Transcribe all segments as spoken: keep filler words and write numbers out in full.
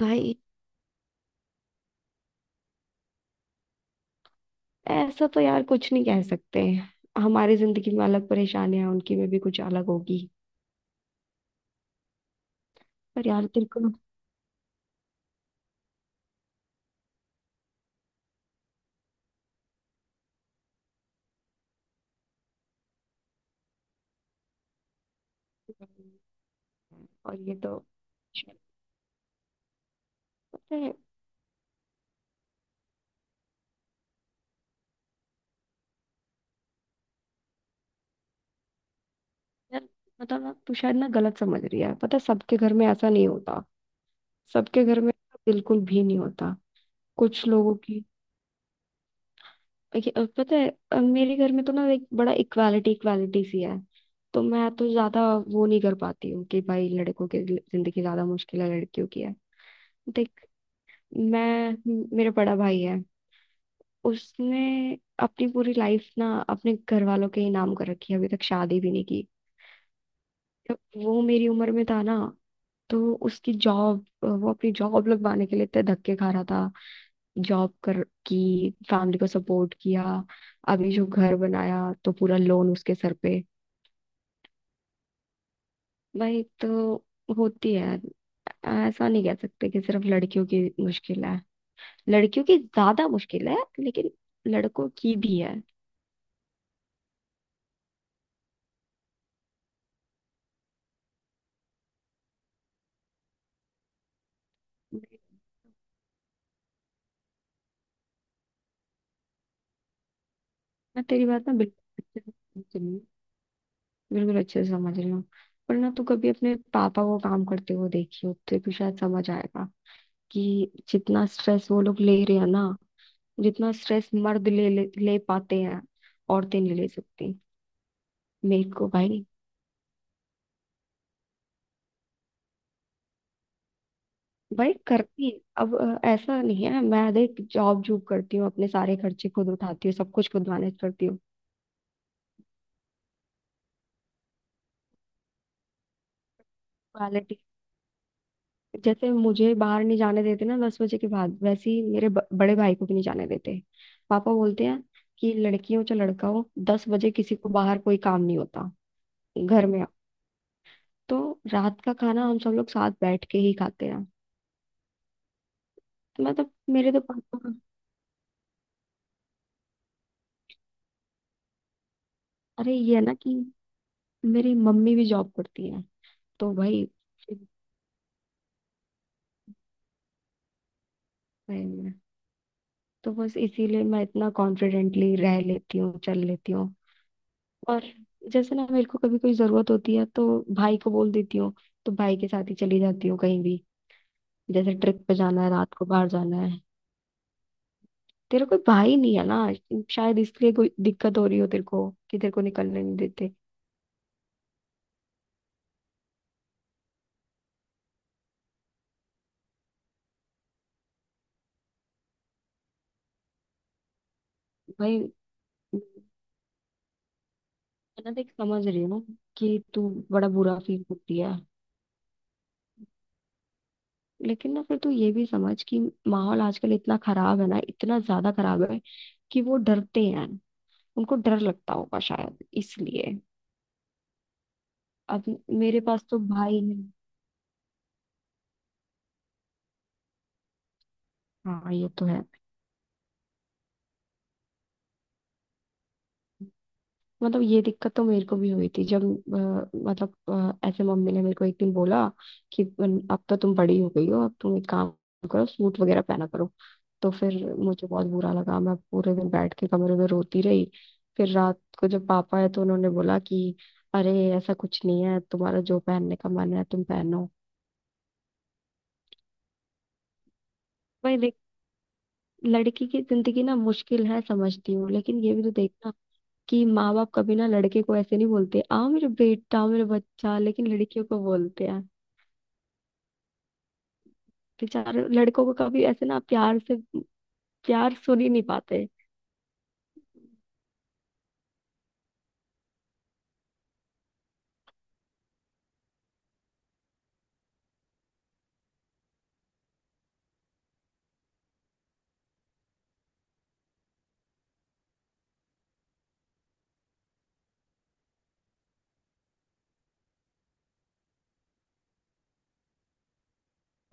भाई, ऐसा तो यार कुछ नहीं कह सकते। हमारी जिंदगी में अलग परेशानियां हैं, उनकी में भी कुछ अलग होगी। पर यार तेरे को और ये तो पता है। यार मतलब ना तू शायद ना गलत समझ रही है। पता है, सबके घर में ऐसा नहीं होता। सबके घर में बिल्कुल भी नहीं होता। कुछ लोगों की देखिए, अ, पता है, अ, मेरे घर में तो ना एक बड़ा इक्वालिटी इक्वालिटी सी है। तो मैं तो ज्यादा वो नहीं कर पाती हूँ कि भाई लड़कों की जिंदगी ज्यादा मुश्किल है लड़कियों की है। मैं, मेरा बड़ा भाई है। उसने अपनी पूरी लाइफ ना अपने घर वालों के ही नाम कर रखी है, अभी तक शादी भी नहीं की। जब वो मेरी उम्र में था ना, तो उसकी जॉब वो अपनी जॉब लगवाने के लिए इतने धक्के खा रहा था। जॉब कर की फैमिली को सपोर्ट किया। अभी जो घर बनाया तो पूरा लोन उसके सर पे। भाई तो होती है, ऐसा नहीं कह सकते कि सिर्फ लड़कियों की मुश्किल है। लड़कियों की ज्यादा मुश्किल है लेकिन लड़कों की भी है। मैं तेरी बात ना बिल्कुल अच्छे से समझ रही हूँ, बिल्कुल अच्छे से समझ रही हूँ। पर ना तू कभी अपने पापा को काम करते हुए देखी हो तो तू शायद समझ आएगा कि जितना स्ट्रेस वो लोग ले रहे हैं ना, जितना स्ट्रेस मर्द ले ले, ले पाते हैं, औरतें नहीं ले सकती। मेरे को भाई भाई करती है। अब अ, ऐसा नहीं है, मैं देख जॉब जॉब करती हूँ, अपने सारे खर्चे खुद उठाती हूँ, सब कुछ खुद मैनेज करती हूँ। जैसे मुझे बाहर नहीं जाने देते ना दस बजे के बाद, वैसे ही मेरे ब, बड़े भाई को भी नहीं जाने देते। पापा बोलते हैं कि लड़की हो चाहे लड़का हो, दस बजे किसी को बाहर कोई काम नहीं होता, घर में आओ। तो रात का खाना हम सब लोग साथ बैठ के ही खाते हैं। मतलब मेरे तो पापा का- अरे ये है ना कि मेरी मम्मी भी जॉब करती है। तो भाई फिर- भाई मैं- तो बस इसीलिए मैं इतना कॉन्फिडेंटली रह लेती हूँ, चल लेती हूँ। और जैसे ना मेरे को कभी कोई जरूरत होती है तो भाई को बोल देती हूँ, तो भाई के साथ ही चली जाती हूँ कहीं भी। जैसे ट्रिप पे जाना है, रात को बाहर जाना है। तेरा कोई भाई नहीं है ना, शायद इसलिए कोई दिक्कत हो रही हो तेरे को कि तेरे को निकलने नहीं देते। भाई मैं ना देख समझ रही हूँ कि तू बड़ा बुरा फील करती है, लेकिन ना फिर तू ये भी समझ कि माहौल आजकल इतना खराब है ना, इतना ज्यादा खराब है कि वो डरते हैं। उनको डर लगता होगा शायद इसलिए। अब मेरे पास तो भाई है। हाँ, ये तो है। मतलब ये दिक्कत तो मेरे को भी हुई थी जब अ, मतलब अ, ऐसे मम्मी ने मेरे को एक दिन बोला कि "बन- अब तो तुम बड़ी हो गई हो, अब तुम एक काम करो, सूट वगैरह पहना करो।" तो फिर मुझे बहुत बुरा लगा, मैं पूरे दिन बैठ के कमरे में रोती रही। फिर रात को जब पापा आए तो उन्होंने बोला कि अरे ऐसा कुछ नहीं है, तुम्हारा जो पहनने का मन है तुम पहनो। भाई देख, लड़की की जिंदगी ना मुश्किल है, समझती हूँ, लेकिन ये भी तो देखना कि माँ बाप कभी ना लड़के को ऐसे नहीं बोलते, आओ मेरे बेटा, आओ मेरे बच्चा, लेकिन लड़कियों को बोलते हैं। बेचारे लड़कों को कभी ऐसे ना प्यार से प्यार सुन ही नहीं पाते।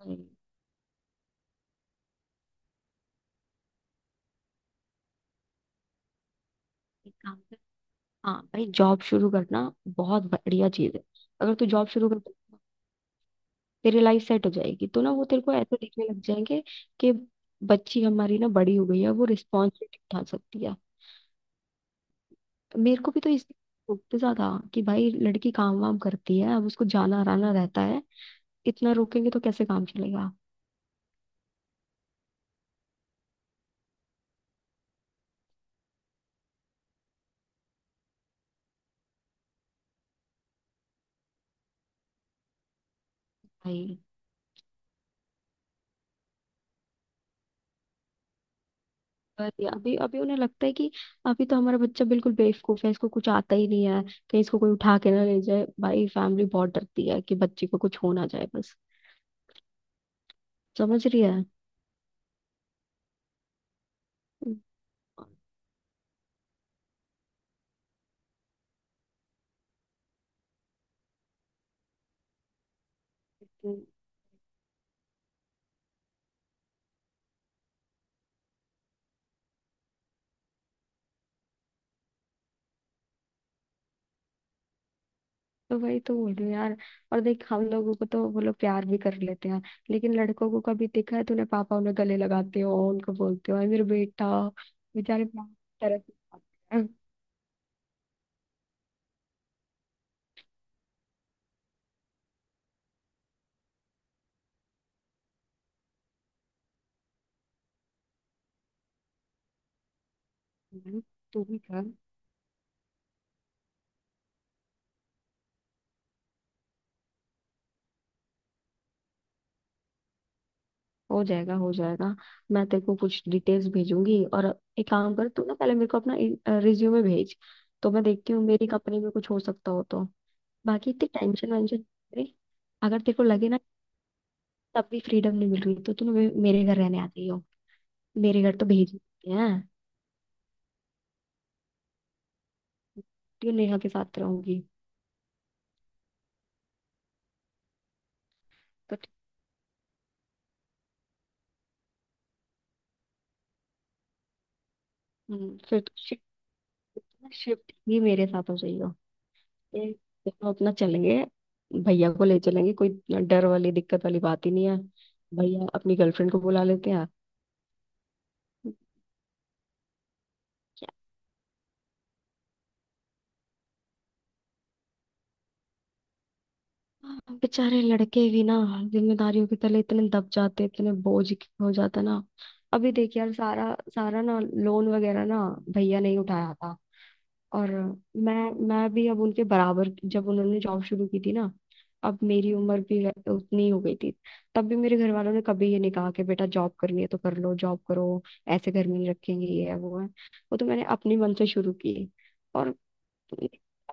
हम्म, एक काम कर। हाँ भाई, जॉब शुरू करना बहुत बढ़िया चीज है। अगर तू जॉब शुरू कर, तेरी लाइफ सेट हो जाएगी तो ना वो तेरे को ऐसे देखने लग जाएंगे कि बच्ची हमारी ना बड़ी हो गई है, वो रिस्पॉन्सिबिलिटी उठा सकती है। मेरे को भी तो इसलिए रोकते ज्यादा कि भाई लड़की काम वाम करती है, अब उसको जाना आना रहता है, इतना रोकेंगे तो कैसे काम चलेगा। भाई पर ये अभी अभी उन्हें लगता है कि अभी तो हमारा बच्चा बिल्कुल बेवकूफ है, इसको कुछ आता ही नहीं है, कहीं इसको कोई उठा के ना ले जाए। भाई फैमिली बहुत डरती है कि बच्चे को कुछ हो ना जाए बस। समझ रही है। हम्म, तो वही तो बोल रही हूँ यार। और देख, हम लोगों को तो वो लोग प्यार भी कर लेते हैं, लेकिन लड़कों को कभी देखा है तूने पापा उन्हें गले लगाते हो, उनको बोलते हो "अरे मेरा बेटा"। बेचारे पापा तरफ से आते हैं। मैंने, तू भी कर, हो जाएगा, हो जाएगा। मैं तेरे को कुछ डिटेल्स भेजूंगी। और एक काम कर, तू ना पहले मेरे को अपना रिज्यूमे भेज, तो मैं देखती हूँ मेरी कंपनी में कुछ हो सकता हो तो। बाकी इतनी टेंशन वेंशन नहीं। अगर तेरे को लगे ना तब भी फ्रीडम नहीं मिल रही तो तू मे- मेरे घर रहने आती हो, मेरे घर तो भेज ही देते हैं। तू नेहा के साथ रहूंगी। तो ठीक- हम्म, फिर शिफ्ट शिफ्ट भी मेरे साथ हो जाइयो। ये दोनों अपना चलेंगे, भैया को ले चलेंगे, कोई डर वाली दिक्कत वाली बात ही नहीं है। भैया अपनी गर्लफ्रेंड को बुला लेते हैं। हाँ, बेचारे लड़के भी ना जिम्मेदारियों के तले इतने दब जाते, इतने बोझ के हो जाता ना। अभी देख यार, सारा सारा ना लोन वगैरह ना भैया ने ही उठाया था। और मैं मैं भी अब उनके बराबर, जब उन्होंने जॉब शुरू की थी ना, अब मेरी उम्र भी वै- उतनी ही हो गई थी। तब भी मेरे घर वालों ने कभी ये नहीं कहा कि बेटा जॉब करनी है तो कर लो, जॉब करो, ऐसे घर में नहीं रखेंगे, ये है वो है। वो तो मैंने अपनी मन से शुरू की। और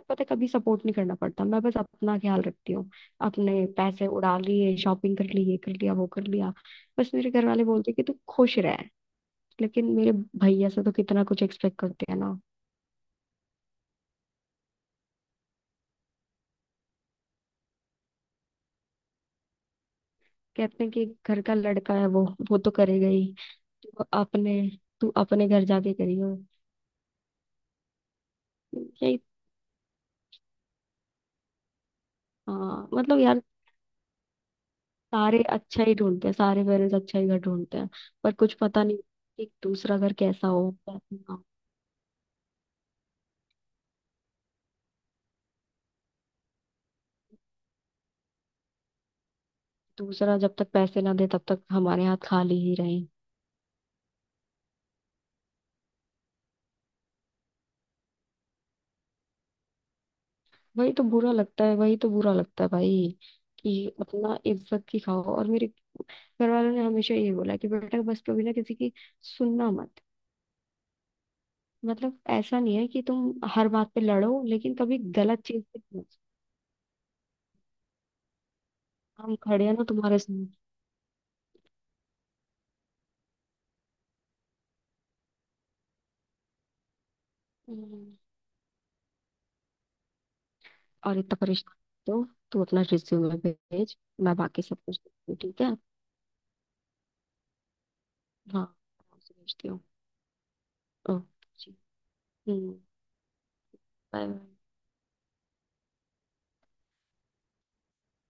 पता है, कभी सपोर्ट नहीं करना पड़ता, मैं बस अपना ख्याल रखती हूँ, अपने पैसे उड़ा लिए, शॉपिंग कर ली, ये कर लिया, वो कर लिया। बस मेरे घर वाले बोलते हैं कि तू खुश रह। लेकिन मेरे भैया से तो कितना कुछ एक्सपेक्ट करते हैं ना। कहते हैं कि घर का लड़का है, वो वो तो करेगा ही। तू अपने, तू अपने घर जाके करियो। यही हाँ, मतलब यार सारे अच्छा ही ढूंढते हैं, सारे पेरेंट्स अच्छा ही घर ढूंढते हैं, पर कुछ पता नहीं कि दूसरा घर कैसा हो। दूसरा जब तक पैसे ना दे तब तक हमारे हाथ खाली ही रहे। वही तो बुरा लगता है, वही तो बुरा लगता है भाई, कि अपना इज्जत की खाओ। और मेरे घर वालों ने हमेशा ये बोला कि बेटा बस कभी ना किसी की सुनना मत। मतलब ऐसा नहीं है कि तुम हर बात पे लड़ो, लेकिन कभी गलत चीज पे मत। हम खड़े हैं ना तुम्हारे साथ। हम्म। और इतना परेशान तो, तू अपना रिज्यूमे भेज, मैं बाकी सब कुछ देखती हूँ, ठीक है। हाँ, भेजती हूँ। ओके जी। हम्म, बाय।